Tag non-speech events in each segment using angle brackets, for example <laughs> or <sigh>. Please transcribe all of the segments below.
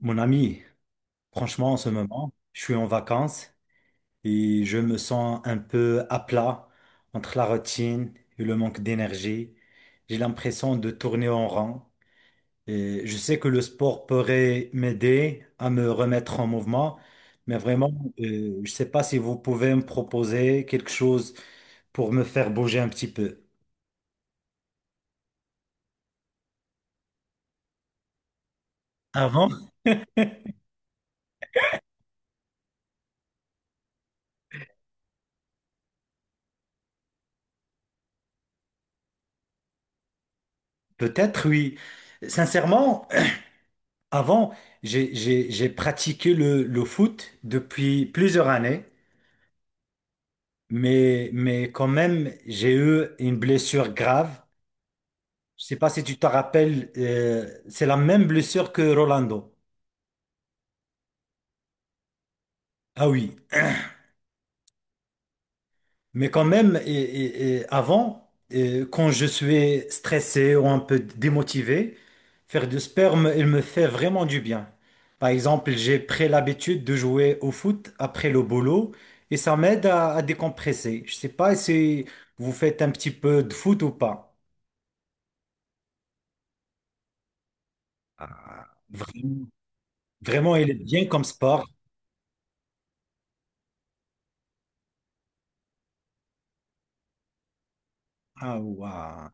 Mon ami, franchement, en ce moment, je suis en vacances et je me sens un peu à plat entre la routine et le manque d'énergie. J'ai l'impression de tourner en rond. Et je sais que le sport pourrait m'aider à me remettre en mouvement, mais vraiment, je ne sais pas si vous pouvez me proposer quelque chose pour me faire bouger un petit peu. Avant, peut-être oui. Sincèrement, avant, j'ai pratiqué le foot depuis plusieurs années, mais quand même, j'ai eu une blessure grave. Je sais pas si tu te rappelles, c'est la même blessure que Rolando. Ah oui, mais quand même, et, et avant, et quand je suis stressé ou un peu démotivé, faire du sperme, il me fait vraiment du bien. Par exemple, j'ai pris l'habitude de jouer au foot après le boulot et ça m'aide à décompresser. Je sais pas si vous faites un petit peu de foot ou pas. Ah, vraiment, vraiment, il est bien comme sport. Ah, ouah.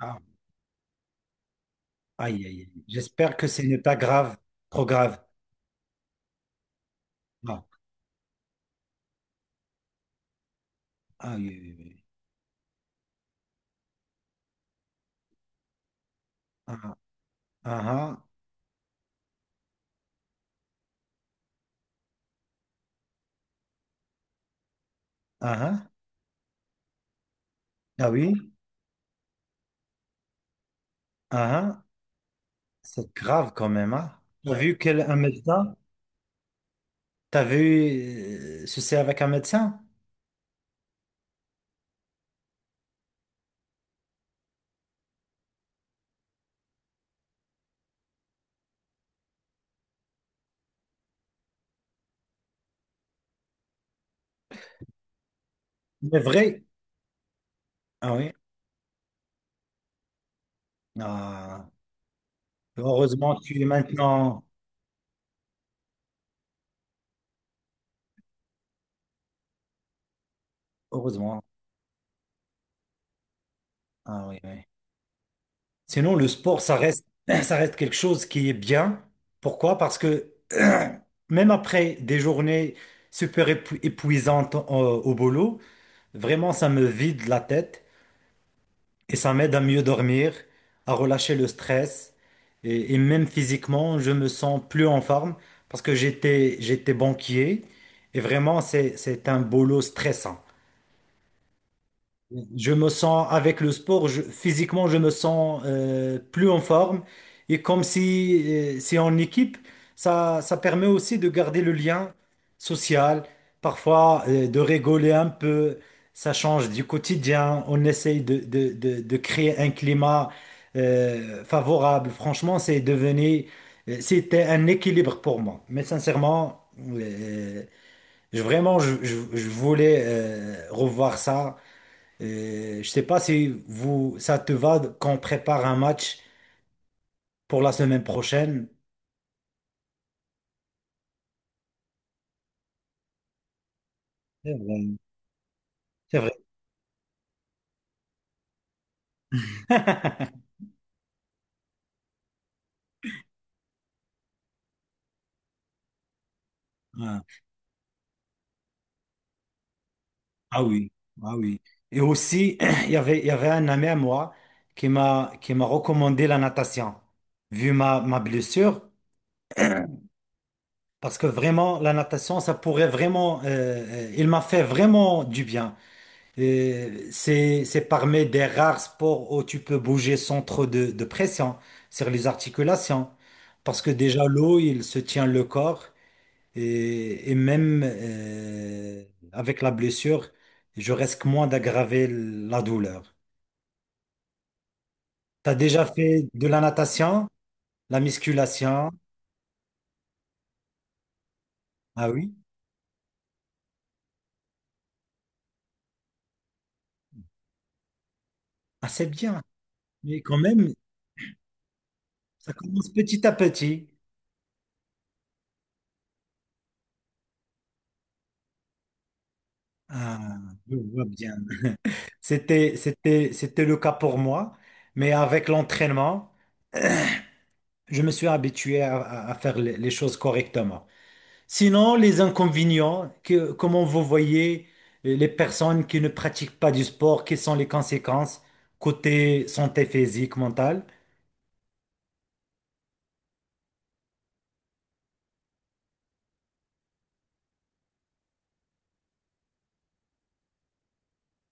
Ah, aïe, aïe, aïe. J'espère que ce n'est pas grave, trop grave. Ah, aïe, aïe, aïe. Ah, ah, ah, ah. Ah. Ah oui, ah, ah, c'est grave quand même, hein. T'as ouais vu quel un médecin? T'as vu ceci avec un médecin? C'est vrai. Ah oui. Ah, heureusement, tu es maintenant. Heureusement. Ah oui, oui. Sinon, le sport, ça reste, <clears throat> ça reste quelque chose qui est bien. Pourquoi? Parce que <clears throat> même après des journées épuisantes au, au boulot, vraiment, ça me vide la tête. Et ça m'aide à mieux dormir, à relâcher le stress. Et même physiquement, je me sens plus en forme parce que j'étais, j'étais banquier. Et vraiment, c'est un boulot stressant. Je me sens, avec le sport, je- physiquement, je me sens plus en forme. Et comme si c'est en équipe, ça permet aussi de garder le lien social, parfois de rigoler un peu. Ça change du quotidien. On essaye de créer un climat favorable. Franchement, c'est devenu, c'était un équilibre pour moi. Mais sincèrement, je, vraiment, je voulais revoir ça. Je sais pas si vous, ça te va qu'on prépare un match pour la semaine prochaine. C'est vrai. C'est vrai. <laughs> Ah, ah oui, ah oui. Et aussi, <clears throat> il y avait un ami à moi qui m'a recommandé la natation, vu ma, ma blessure, parce que vraiment, la natation, ça pourrait vraiment, il m'a fait vraiment du bien. C'est parmi des rares sports où tu peux bouger sans trop de pression sur les articulations. Parce que déjà, l'eau, il se tient le corps et même avec la blessure, je risque moins d'aggraver la douleur. T'as déjà fait de la natation, la musculation? Ah oui? Ah, c'est bien. Mais quand même, ça commence petit à petit. Ah, je vois bien. C'était, c'était, c'était le cas pour moi, mais avec l'entraînement, je me suis habitué à, à faire les choses correctement. Sinon, les inconvénients, que, comment vous voyez les personnes qui ne pratiquent pas du sport, quelles sont les conséquences côté santé physique, mentale?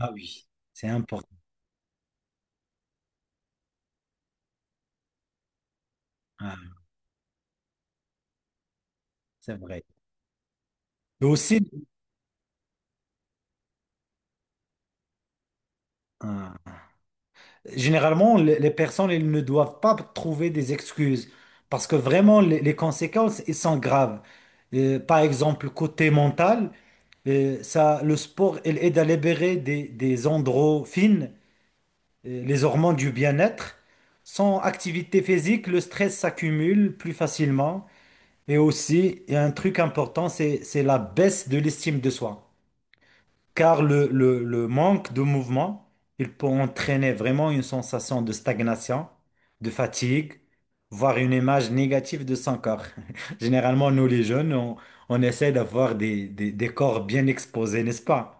Ah oui, c'est important. Ah, c'est vrai. Et aussi, ah. Généralement, les personnes, elles ne doivent pas trouver des excuses parce que vraiment, les conséquences, elles sont graves. Par exemple, côté mental, ça, le sport, il aide à libérer des endorphines, les hormones du bien-être. Sans activité physique, le stress s'accumule plus facilement. Et aussi, il y a un truc important, c'est la baisse de l'estime de soi. Car le, le manque de mouvement, il peut entraîner vraiment une sensation de stagnation, de fatigue, voire une image négative de son corps. <laughs> Généralement, nous les jeunes, on essaie d'avoir des, des corps bien exposés, n'est-ce pas?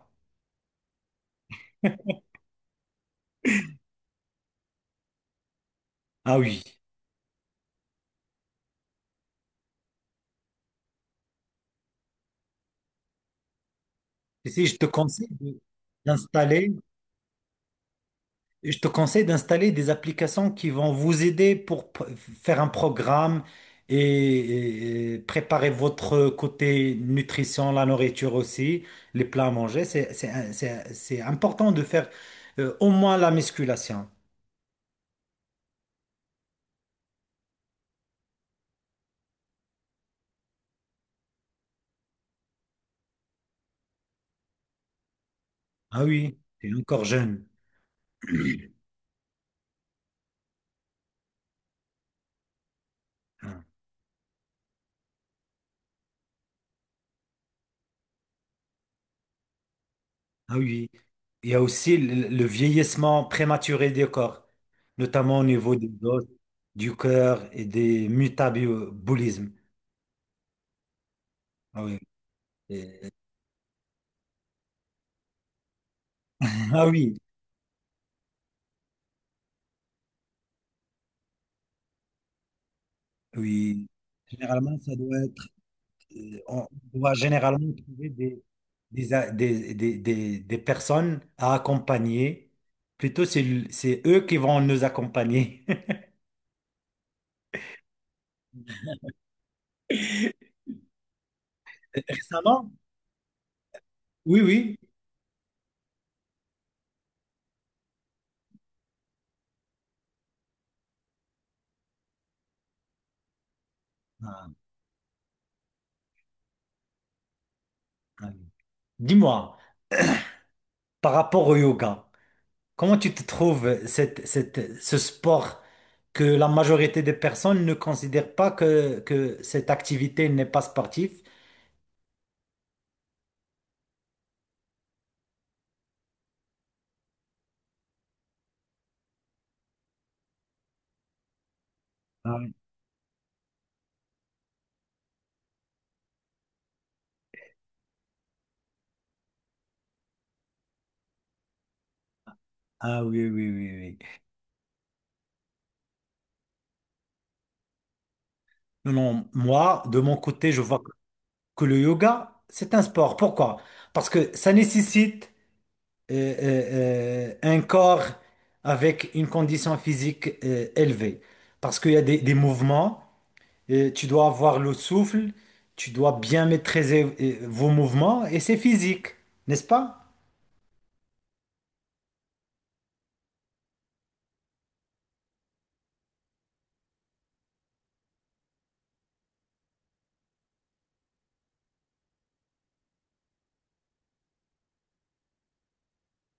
Ah oui. Ici, je te conseille de- d'installer je te conseille d'installer des applications qui vont vous aider pour p- faire un programme et, et préparer votre côté nutrition, la nourriture aussi, les plats à manger. C'est, un- c'est important de faire au moins la musculation. Ah oui, t'es encore jeune. Ah ah oui. Il y a aussi le vieillissement prématuré du corps, notamment au niveau des os, du cœur et des métabolismes. Ah oui. Et- <laughs> ah oui. Oui, généralement, ça doit être, on doit généralement trouver des, a- des, des personnes à accompagner. Plutôt, c'est, l- c'est eux qui vont nous accompagner. <laughs> Récemment? Oui, oui. Ah, ah oui. Dis-moi, par rapport au yoga, comment tu te trouves cette, cette, ce sport que la majorité des personnes ne considèrent pas que, que cette activité n'est pas sportive? Ah oui, ah oui, oui, oui. Oui. Non, non, moi, de mon côté, je vois que le yoga, c'est un sport. Pourquoi? Parce que ça nécessite euh, un corps avec une condition physique élevée. Parce qu'il y a des mouvements, tu dois avoir le souffle, tu dois bien maîtriser vos mouvements et c'est physique, n'est-ce pas?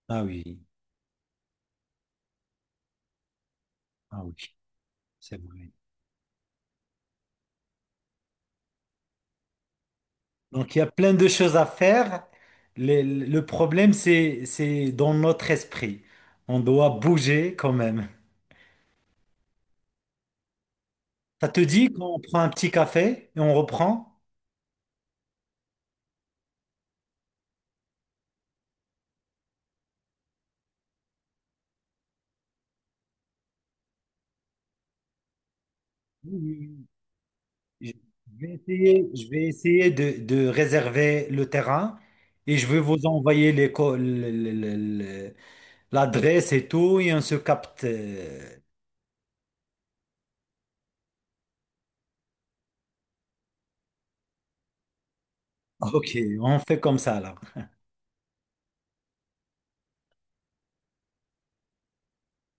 Ah oui, ah oui, c'est vrai. Donc il y a plein de choses à faire. Le problème, c'est dans notre esprit. On doit bouger quand même. Ça te dit qu'on prend un petit café et on reprend? Oui, oui, oui. Je vais essayer de réserver le terrain et je vais vous envoyer les co- le- l'adresse et tout et on se capte. Ok, on fait comme ça là.